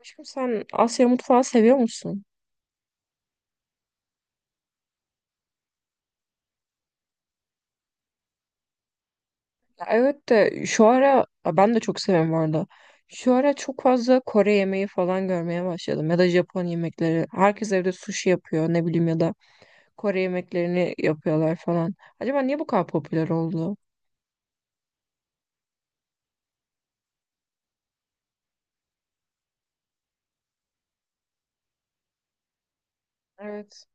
Aşkım, sen Asya mutfağı seviyor musun? Ya evet de şu ara ya ben de çok seviyorum bu arada. Şu ara çok fazla Kore yemeği falan görmeye başladım ya da Japon yemekleri. Herkes evde sushi yapıyor, ne bileyim, ya da Kore yemeklerini yapıyorlar falan. Acaba niye bu kadar popüler oldu? Evet.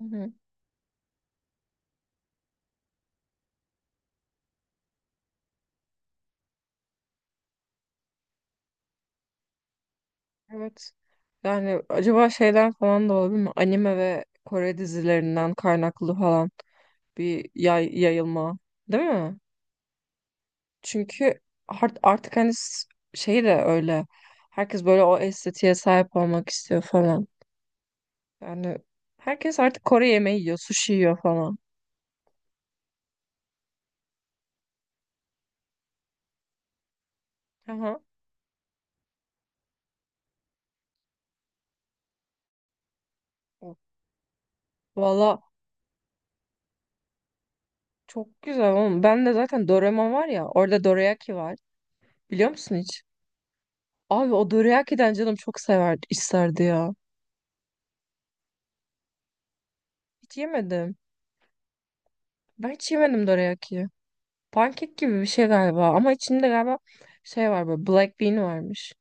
Hı hı. Evet. Yani acaba şeyden falan da olabilir mi? Anime ve Kore dizilerinden kaynaklı falan bir yayılma, değil mi? Çünkü artık hani şey de öyle. Herkes böyle o estetiğe sahip olmak istiyor falan. Yani herkes artık Kore yemeği yiyor, sushi yiyor falan. Aha. Valla çok güzel oğlum. Ben de zaten Doraemon var ya, orada dorayaki var. Biliyor musun hiç? Abi o dorayaki'den canım çok severdi, isterdi ya. Hiç yemedim. Ben hiç yemedim dorayaki'yi. Pankek gibi bir şey galiba ama içinde galiba şey var, böyle black bean varmış.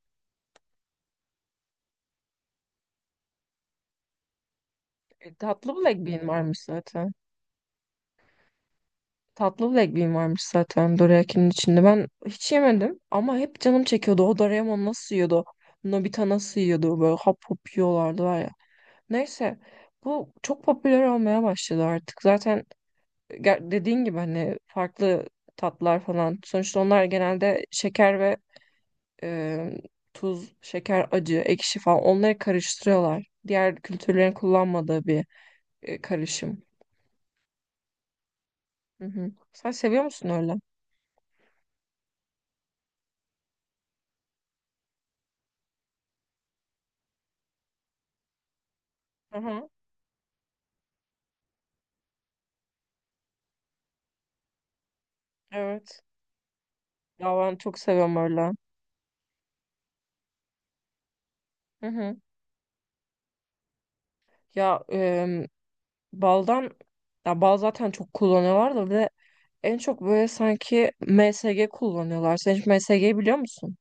Tatlı black bean varmış zaten. Tatlı black varmış zaten dorayakinin içinde. Ben hiç yemedim ama hep canım çekiyordu. O Doraemon nasıl yiyordu? Nobita nasıl yiyordu? Böyle hap hop yiyorlardı var ya. Neyse, bu çok popüler olmaya başladı artık. Zaten dediğin gibi hani farklı tatlar falan. Sonuçta onlar genelde şeker ve e, tuz, şeker, acı, ekşi falan onları karıştırıyorlar. Diğer kültürlerin kullanmadığı bir karışım. Hı hı. Sen seviyor musun öyle? Hı hı. Evet. Ya ben çok seviyorum öyle. Hı hı. Ya baldan, ya bal zaten çok kullanıyorlar da bir de en çok böyle sanki MSG kullanıyorlar. Sen hiç MSG'yi biliyor musun?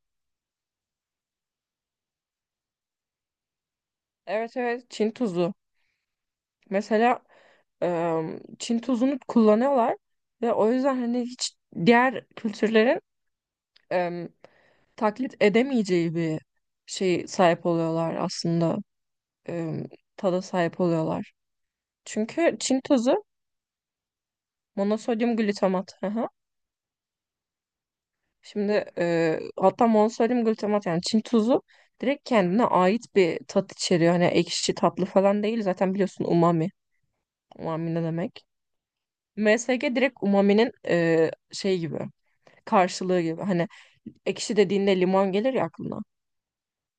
Evet evet, Çin tuzu. Mesela Çin tuzunu kullanıyorlar ve o yüzden hani hiç diğer kültürlerin em, taklit edemeyeceği bir şey sahip oluyorlar aslında. Em, Tada sahip oluyorlar. Çünkü Çin tuzu monosodyum glutamat. Şimdi hatta monosodium glutamat, yani Çin tuzu direkt kendine ait bir tat içeriyor. Hani ekşi tatlı falan değil. Zaten biliyorsun, umami. Umami ne demek? MSG direkt umaminin şey gibi, karşılığı gibi. Hani ekşi dediğinde limon gelir ya aklına.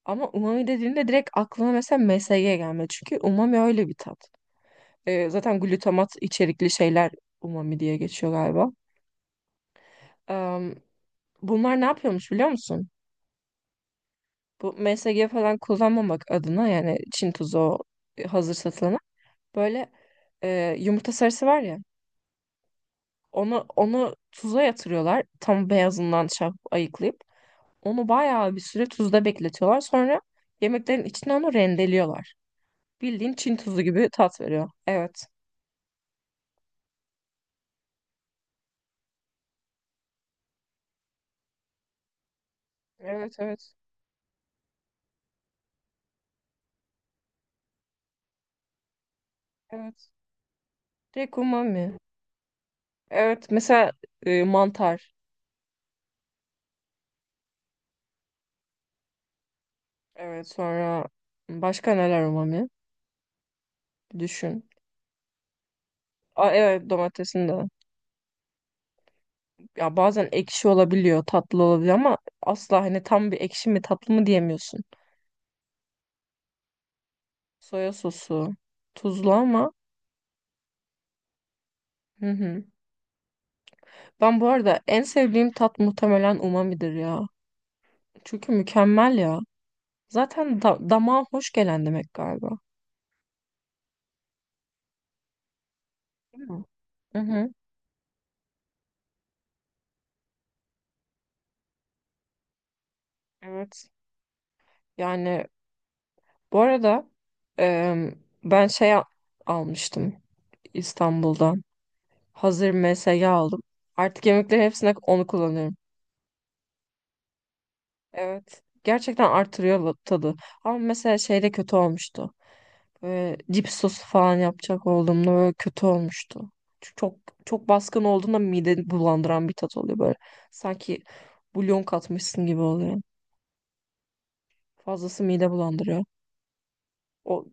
Ama umami dediğinde direkt aklına mesela MSG gelmedi. Çünkü umami öyle bir tat. Zaten glutamat içerikli şeyler umami diye geçiyor galiba. Em, Bunlar ne yapıyormuş biliyor musun? Bu MSG falan kullanmamak adına, yani Çin tuzu, o hazır satılanı, böyle yumurta sarısı var ya, onu tuza yatırıyorlar, tam beyazından şey yapıp ayıklayıp onu bayağı bir süre tuzda bekletiyorlar, sonra yemeklerin içine onu rendeliyorlar. Bildiğin Çin tuzu gibi tat veriyor. Evet. Evet evet. Evet. Direkt umami. Evet mesela mantar. Evet, sonra başka neler umami? Düşün. Aa, evet, domatesin de. Ya bazen ekşi olabiliyor, tatlı olabiliyor ama asla hani tam bir ekşi mi tatlı mı diyemiyorsun. Soya sosu tuzlu ama, hı hı. Ben bu arada en sevdiğim tat muhtemelen umamidir ya. Çünkü mükemmel ya. Zaten da damağa hoş gelen demek galiba. Değil mi? Hı hı. Evet. Yani bu arada ben almıştım İstanbul'dan. Hazır MSG aldım. Artık yemeklerin hepsine onu kullanıyorum. Evet. Gerçekten artırıyor tadı. Ama mesela şeyde kötü olmuştu. Böyle cips sosu falan yapacak olduğumda böyle kötü olmuştu. Çünkü çok, çok baskın olduğunda mideni bulandıran bir tat oluyor böyle. Sanki bulyon katmışsın gibi oluyor. Fazlası mide bulandırıyor. O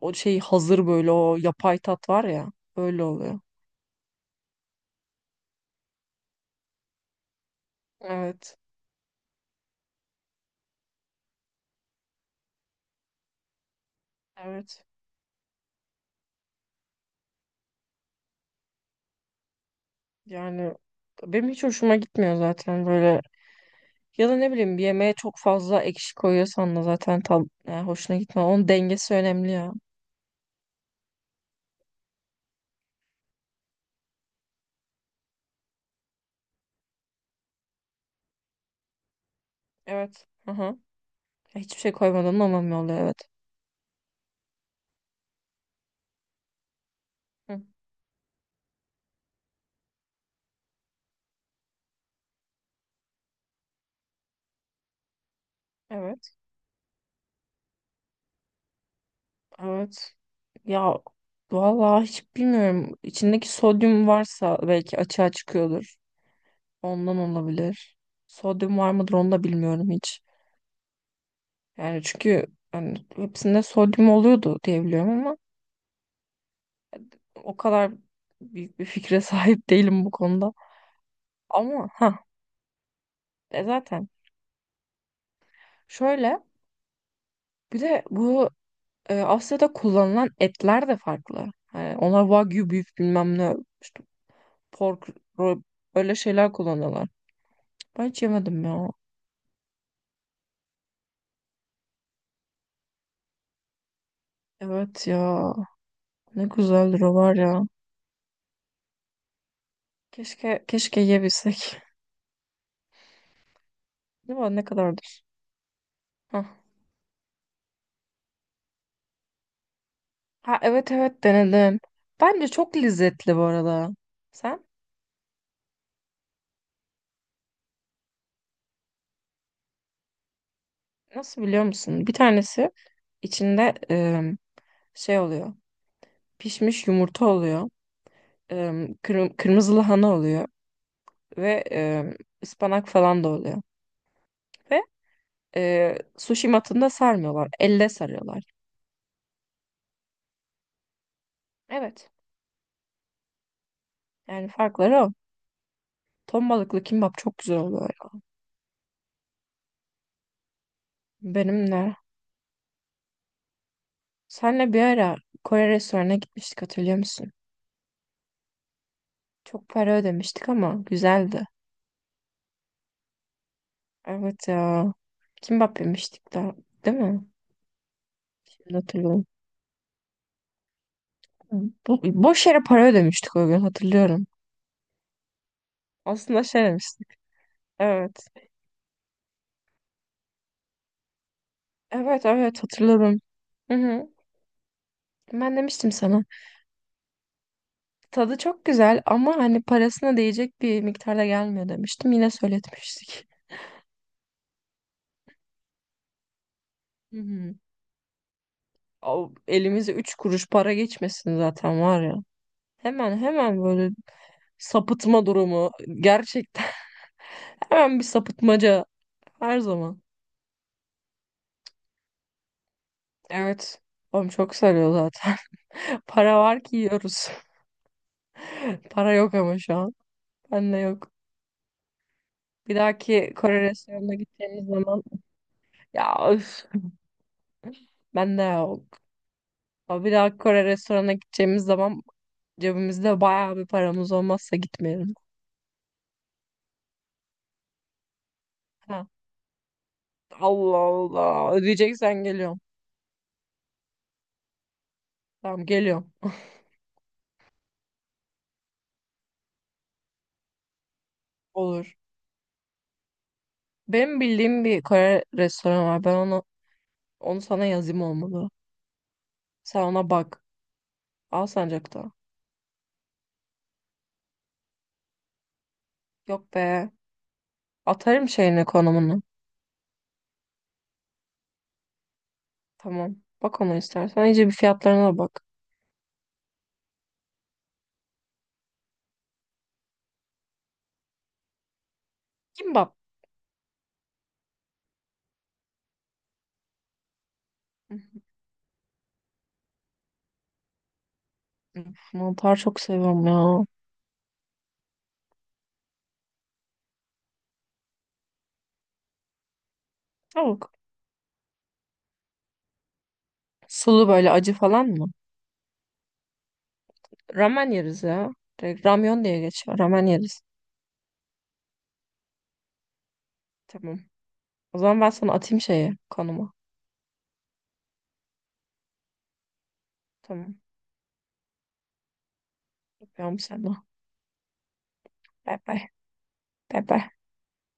o şey, hazır böyle o yapay tat var ya, öyle oluyor. Evet. Evet. Yani benim hiç hoşuma gitmiyor zaten böyle. Ya da ne bileyim, bir yemeğe çok fazla ekşi koyuyorsan da zaten tam yani hoşuna gitmez. Onun dengesi önemli ya. Evet. Hı hı. Ya hiçbir şey koymadan da mamya oluyor, evet. Hı. Evet. Evet. Ya vallahi hiç bilmiyorum. İçindeki sodyum varsa belki açığa çıkıyordur. Ondan olabilir. Sodyum var mıdır onu da bilmiyorum hiç. Yani çünkü hani hepsinde sodyum oluyordu diye biliyorum ama o kadar büyük bir fikre sahip değilim bu konuda. Ama ha, zaten şöyle. Bir de bu Asya'da kullanılan etler de farklı. Yani onlar wagyu beef bilmem ne, işte pork, ro- öyle şeyler kullanıyorlar. Ben hiç yemedim ya. Evet ya. Ne güzeldir o var ya. Keşke, keşke yiyebilsek. Değil mi? Ne kadardır? Hah. Ha evet evet, denedim. Bence çok lezzetli bu arada. Sen nasıl biliyor musun? Bir tanesi içinde şey oluyor. Pişmiş yumurta oluyor. E, Kırmızı lahana oluyor ve ıspanak falan da oluyor. Ve sushi matında sarmıyorlar. Elle sarıyorlar. Evet. Yani farkları o. Ton balıklı kimbap çok güzel oluyor ya. Benim de. Senle bir ara Kore restoranına gitmiştik, hatırlıyor musun? Çok para ödemiştik ama güzeldi. Evet ya. Kimbap yemiştik daha. Değil mi? Şimdi hatırlıyorum. Bu, boş yere para ödemiştik o gün, hatırlıyorum. Aslında şey demiştik. Evet. Evet evet, hatırladım. Hı hı. Ben demiştim sana. Tadı çok güzel ama hani parasına değecek bir miktarda gelmiyor, demiştim. Yine söyletmiştik. Hı hı. O elimize üç kuruş para geçmesin zaten var ya. Hemen hemen böyle sapıtma durumu, gerçekten. Hemen bir sapıtmaca her zaman. Evet. Oğlum çok sarıyor zaten. Para var ki yiyoruz. Para yok ama şu an. Bende yok. Bir dahaki Kore restoranına gideceğimiz zaman, ya öf, bende yok. Ama bir dahaki Kore restoranına gideceğimiz zaman cebimizde bayağı bir paramız olmazsa gitmeyelim. Ha. Allah Allah. Ödeyeceksen geliyorum. Tamam, geliyorum. Olur. Benim bildiğim bir Kore restoranı var. Ben onu sana yazayım, olmalı. Sen ona bak. Alsancak'ta. Yok be. Atarım şeyini, konumunu. Tamam. Bak onu istersen. İyice bir fiyatlarına da bak. Kimbap. Hı hı. Üf, mantar çok seviyorum ya. Tavuk. Sulu böyle acı falan mı? Ramen yeriz ya. Direkt ramyon diye geçiyor. Ramen yeriz. Tamam. O zaman ben sana atayım şeyi, konumu. Tamam. Öpüyorum seni. Bay bay. Bay bay.